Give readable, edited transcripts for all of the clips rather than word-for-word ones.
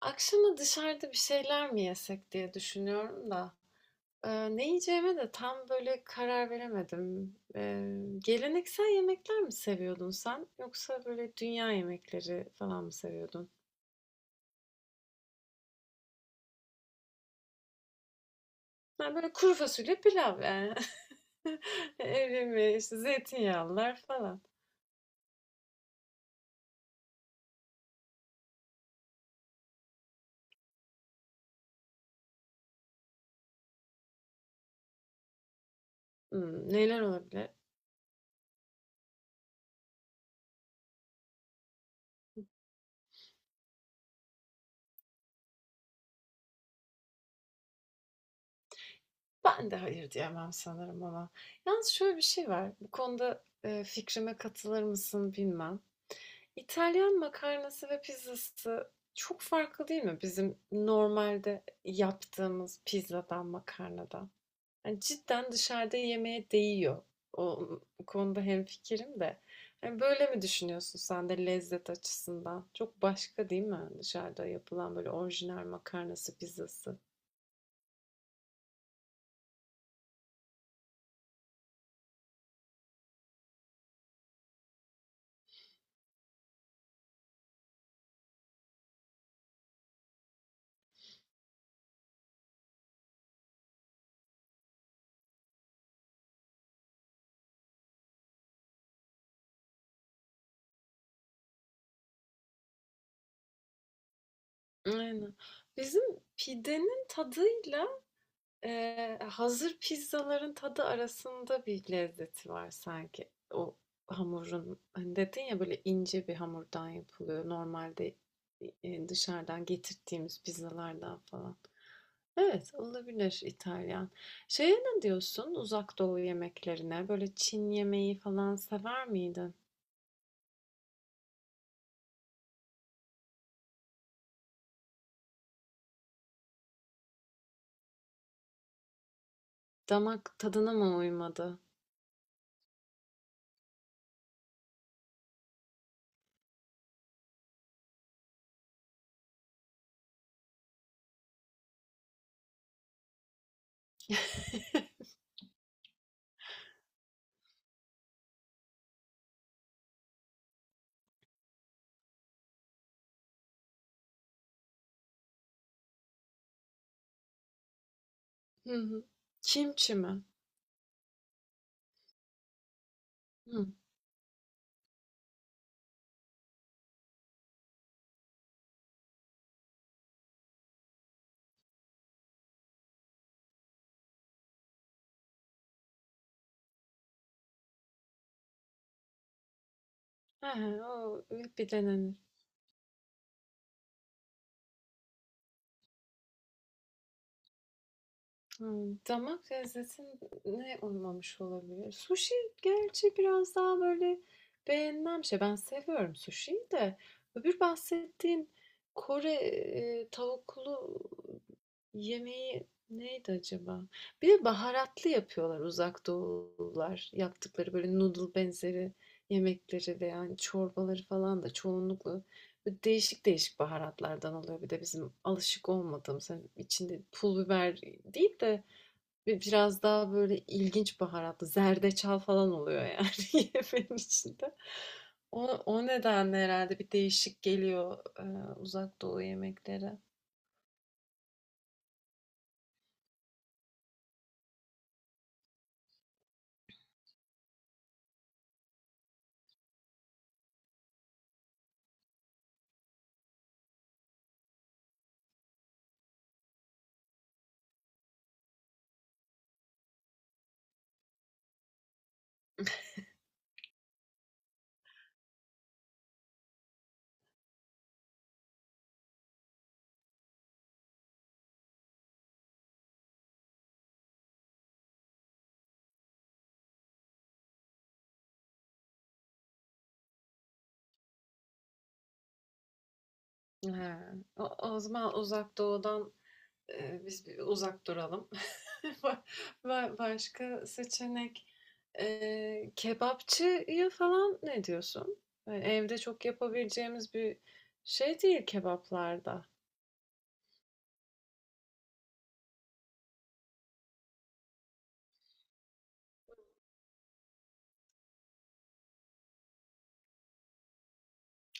Akşama dışarıda bir şeyler mi yesek diye düşünüyorum da. Ne yiyeceğime de tam böyle karar veremedim. Geleneksel yemekler mi seviyordun sen? Yoksa böyle dünya yemekleri falan mı seviyordun? Ben böyle kuru fasulye pilav yani. Erime, işte zeytinyağlılar falan. Neler olabilir? Ben de hayır diyemem sanırım ama. Yalnız şöyle bir şey var. Bu konuda fikrime katılır mısın bilmem. İtalyan makarnası ve pizzası çok farklı değil mi bizim normalde yaptığımız pizzadan, makarnadan? Yani cidden dışarıda yemeğe değiyor. O konuda hemfikirim de. Yani böyle mi düşünüyorsun sen de lezzet açısından? Çok başka değil mi dışarıda yapılan böyle orijinal makarnası, pizzası? Aynen. Bizim pidenin tadıyla hazır pizzaların tadı arasında bir lezzeti var sanki. O hamurun, hani dedin ya böyle ince bir hamurdan yapılıyor. Normalde dışarıdan getirdiğimiz pizzalardan falan. Evet, olabilir İtalyan. Şeye ne diyorsun Uzak Doğu yemeklerine? Böyle Çin yemeği falan sever miydin? Damak tadına mı uymadı? Hı hı. Kimçi mi? Hı. He, o evet, bir denenir. Hımm. Damak lezzetine uymamış olabilir. Sushi gerçi biraz daha böyle beğenilen şey. Ben seviyorum sushi'yi de. Öbür bahsettiğin Kore, tavuklu yemeği neydi acaba? Bir de baharatlı yapıyorlar Uzak Doğulular. Yaptıkları böyle noodle benzeri yemekleri ve yani çorbaları falan da çoğunlukla böyle değişik değişik baharatlardan oluyor. Bir de bizim alışık olmadığımız hani içinde pul biber değil de biraz daha böyle ilginç baharatlı zerdeçal falan oluyor yani yemeğin içinde. O nedenle herhalde bir değişik geliyor Uzak Doğu yemekleri. He. O zaman Uzak Doğu'dan biz bir uzak duralım. Ba- Başka seçenek kebapçıya falan ne diyorsun? Yani evde çok yapabileceğimiz bir şey değil kebaplarda.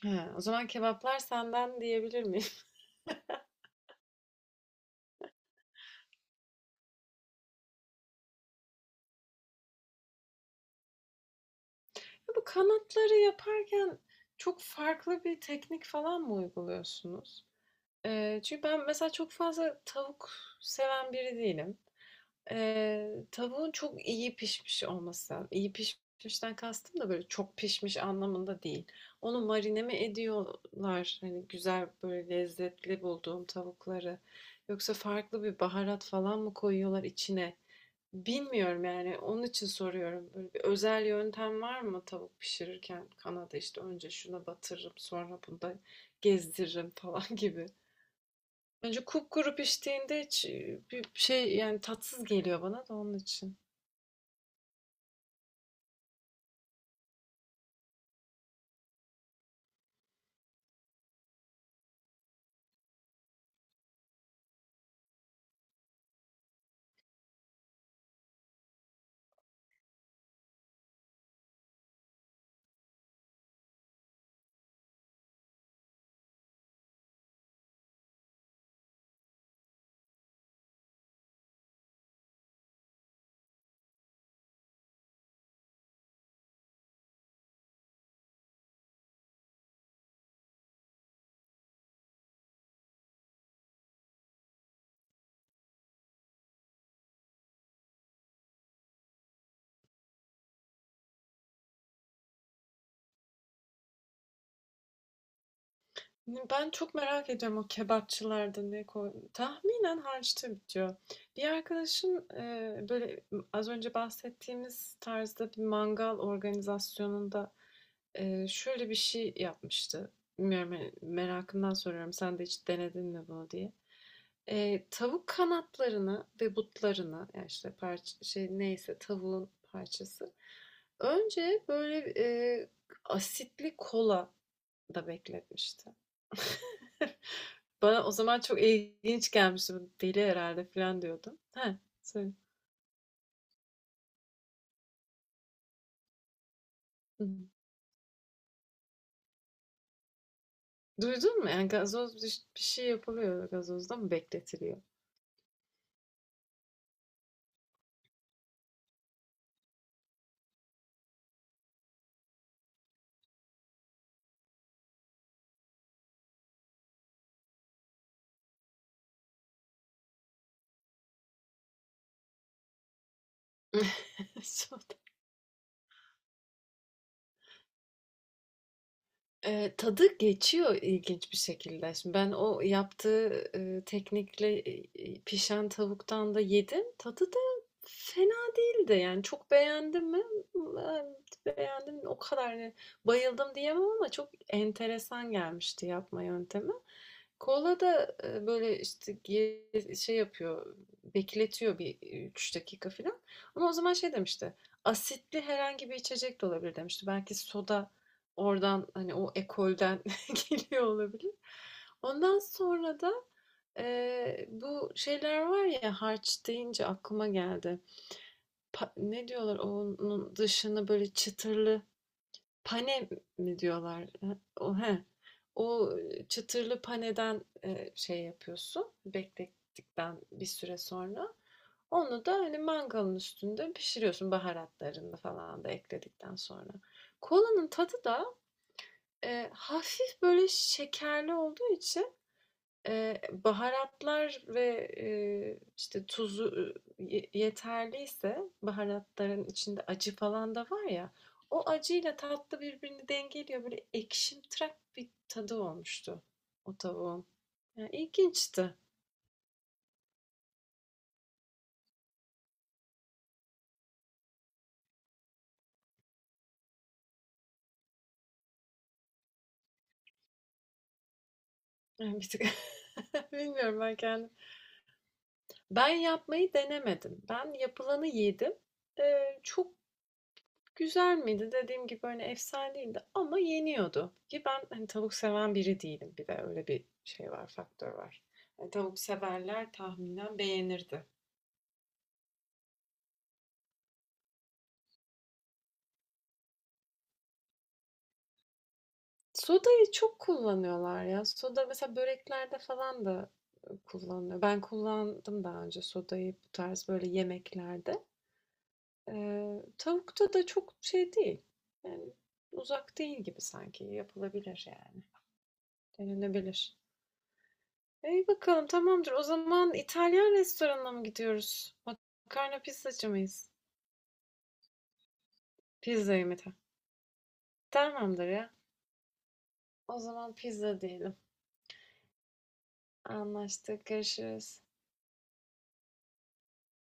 He, o zaman kebaplar senden diyebilir miyim? Bu kanatları yaparken çok farklı bir teknik falan mı uyguluyorsunuz? Çünkü ben mesela çok fazla tavuk seven biri değilim. Tavuğun çok iyi pişmiş olması, iyi pişmişten kastım da böyle çok pişmiş anlamında değil. Onu marine mi ediyorlar? Hani güzel böyle lezzetli bulduğum tavukları. Yoksa farklı bir baharat falan mı koyuyorlar içine? Bilmiyorum yani. Onun için soruyorum. Böyle bir özel yöntem var mı tavuk pişirirken? Kanada işte önce şuna batırırım, sonra bunda gezdiririm falan gibi. Önce kupkuru piştiğinde hiç bir şey yani tatsız geliyor bana da onun için. Ben çok merak ediyorum o kebapçılarda ne koy... Tahminen harçta bitiyor. Bir arkadaşım böyle az önce bahsettiğimiz tarzda bir mangal organizasyonunda şöyle bir şey yapmıştı. Bilmiyorum hani merakımdan soruyorum sen de hiç denedin mi bunu diye. Tavuk kanatlarını ve butlarını yani işte parça, şey neyse tavuğun parçası. Önce böyle asitli kola da bekletmişti. Bana o zaman çok ilginç gelmişti. "Bu deli herhalde falan diyordum. Heh, söyle. Hı hı. Duydun mu? Yani gazoz bir şey yapılıyor, gazozda mı bekletiliyor? Son- Tadı geçiyor ilginç bir şekilde. Şimdi ben o yaptığı, teknikle, pişen tavuktan da yedim. Tadı da fena değildi. Yani çok beğendim mi? Eee, Beğendim, o kadar hani bayıldım diyemem ama çok enteresan gelmişti yapma yöntemi. Kola da, böyle, işte, şey yapıyor, bekletiyor bir 3 dakika filan ama o zaman şey demişti, asitli herhangi bir içecek de olabilir demişti. Belki soda. Oradan, hani, o ekolden geliyor olabilir. Ondan sonra da, bu şeyler var ya, harç deyince aklıma geldi. Ne diyorlar onun dışını böyle çıtırlı pane mi diyorlar? O he. O çıtırlı paneden, şey yapıyorsun, beklettikten bir süre sonra. Onu da, hani, mangalın üstünde pişiriyorsun baharatlarını falan da ekledikten sonra. Kolanın tadı da hafif böyle şekerli olduğu için, baharatlar ve, işte, tuzu, yeterliyse baharatların içinde acı falan da var ya, o acıyla tatlı birbirini dengeliyor. Böyle ekşimtırak bir tadı olmuştu o tavuğun. Ya, ilginçti. Yani bir tık bilmiyorum ben kendim. Ben yapmayı denemedim. Ben yapılanı yedim. Çok güzel miydi? Dediğim gibi, hani, efsane değildi ama yeniyordu ki ben, hani, tavuk seven biri değilim. Bir de öyle bir şey var, faktör var. Hani, tavuk severler tahminen beğenirdi. Sodayı çok kullanıyorlar ya. Soda mesela böreklerde falan da, kullanılıyor. Ben kullandım daha önce sodayı bu tarz böyle yemeklerde. Tavukta da çok şey değil, yani, uzak değil gibi sanki. Yapılabilir yani, denenebilir. İyi bakalım, tamamdır. O zaman İtalyan restoranına mı gidiyoruz? Makarna pizzacı mıyız? Pizza yemedi. Tamamdır ya. O zaman pizza diyelim. Anlaştık. Görüşürüz.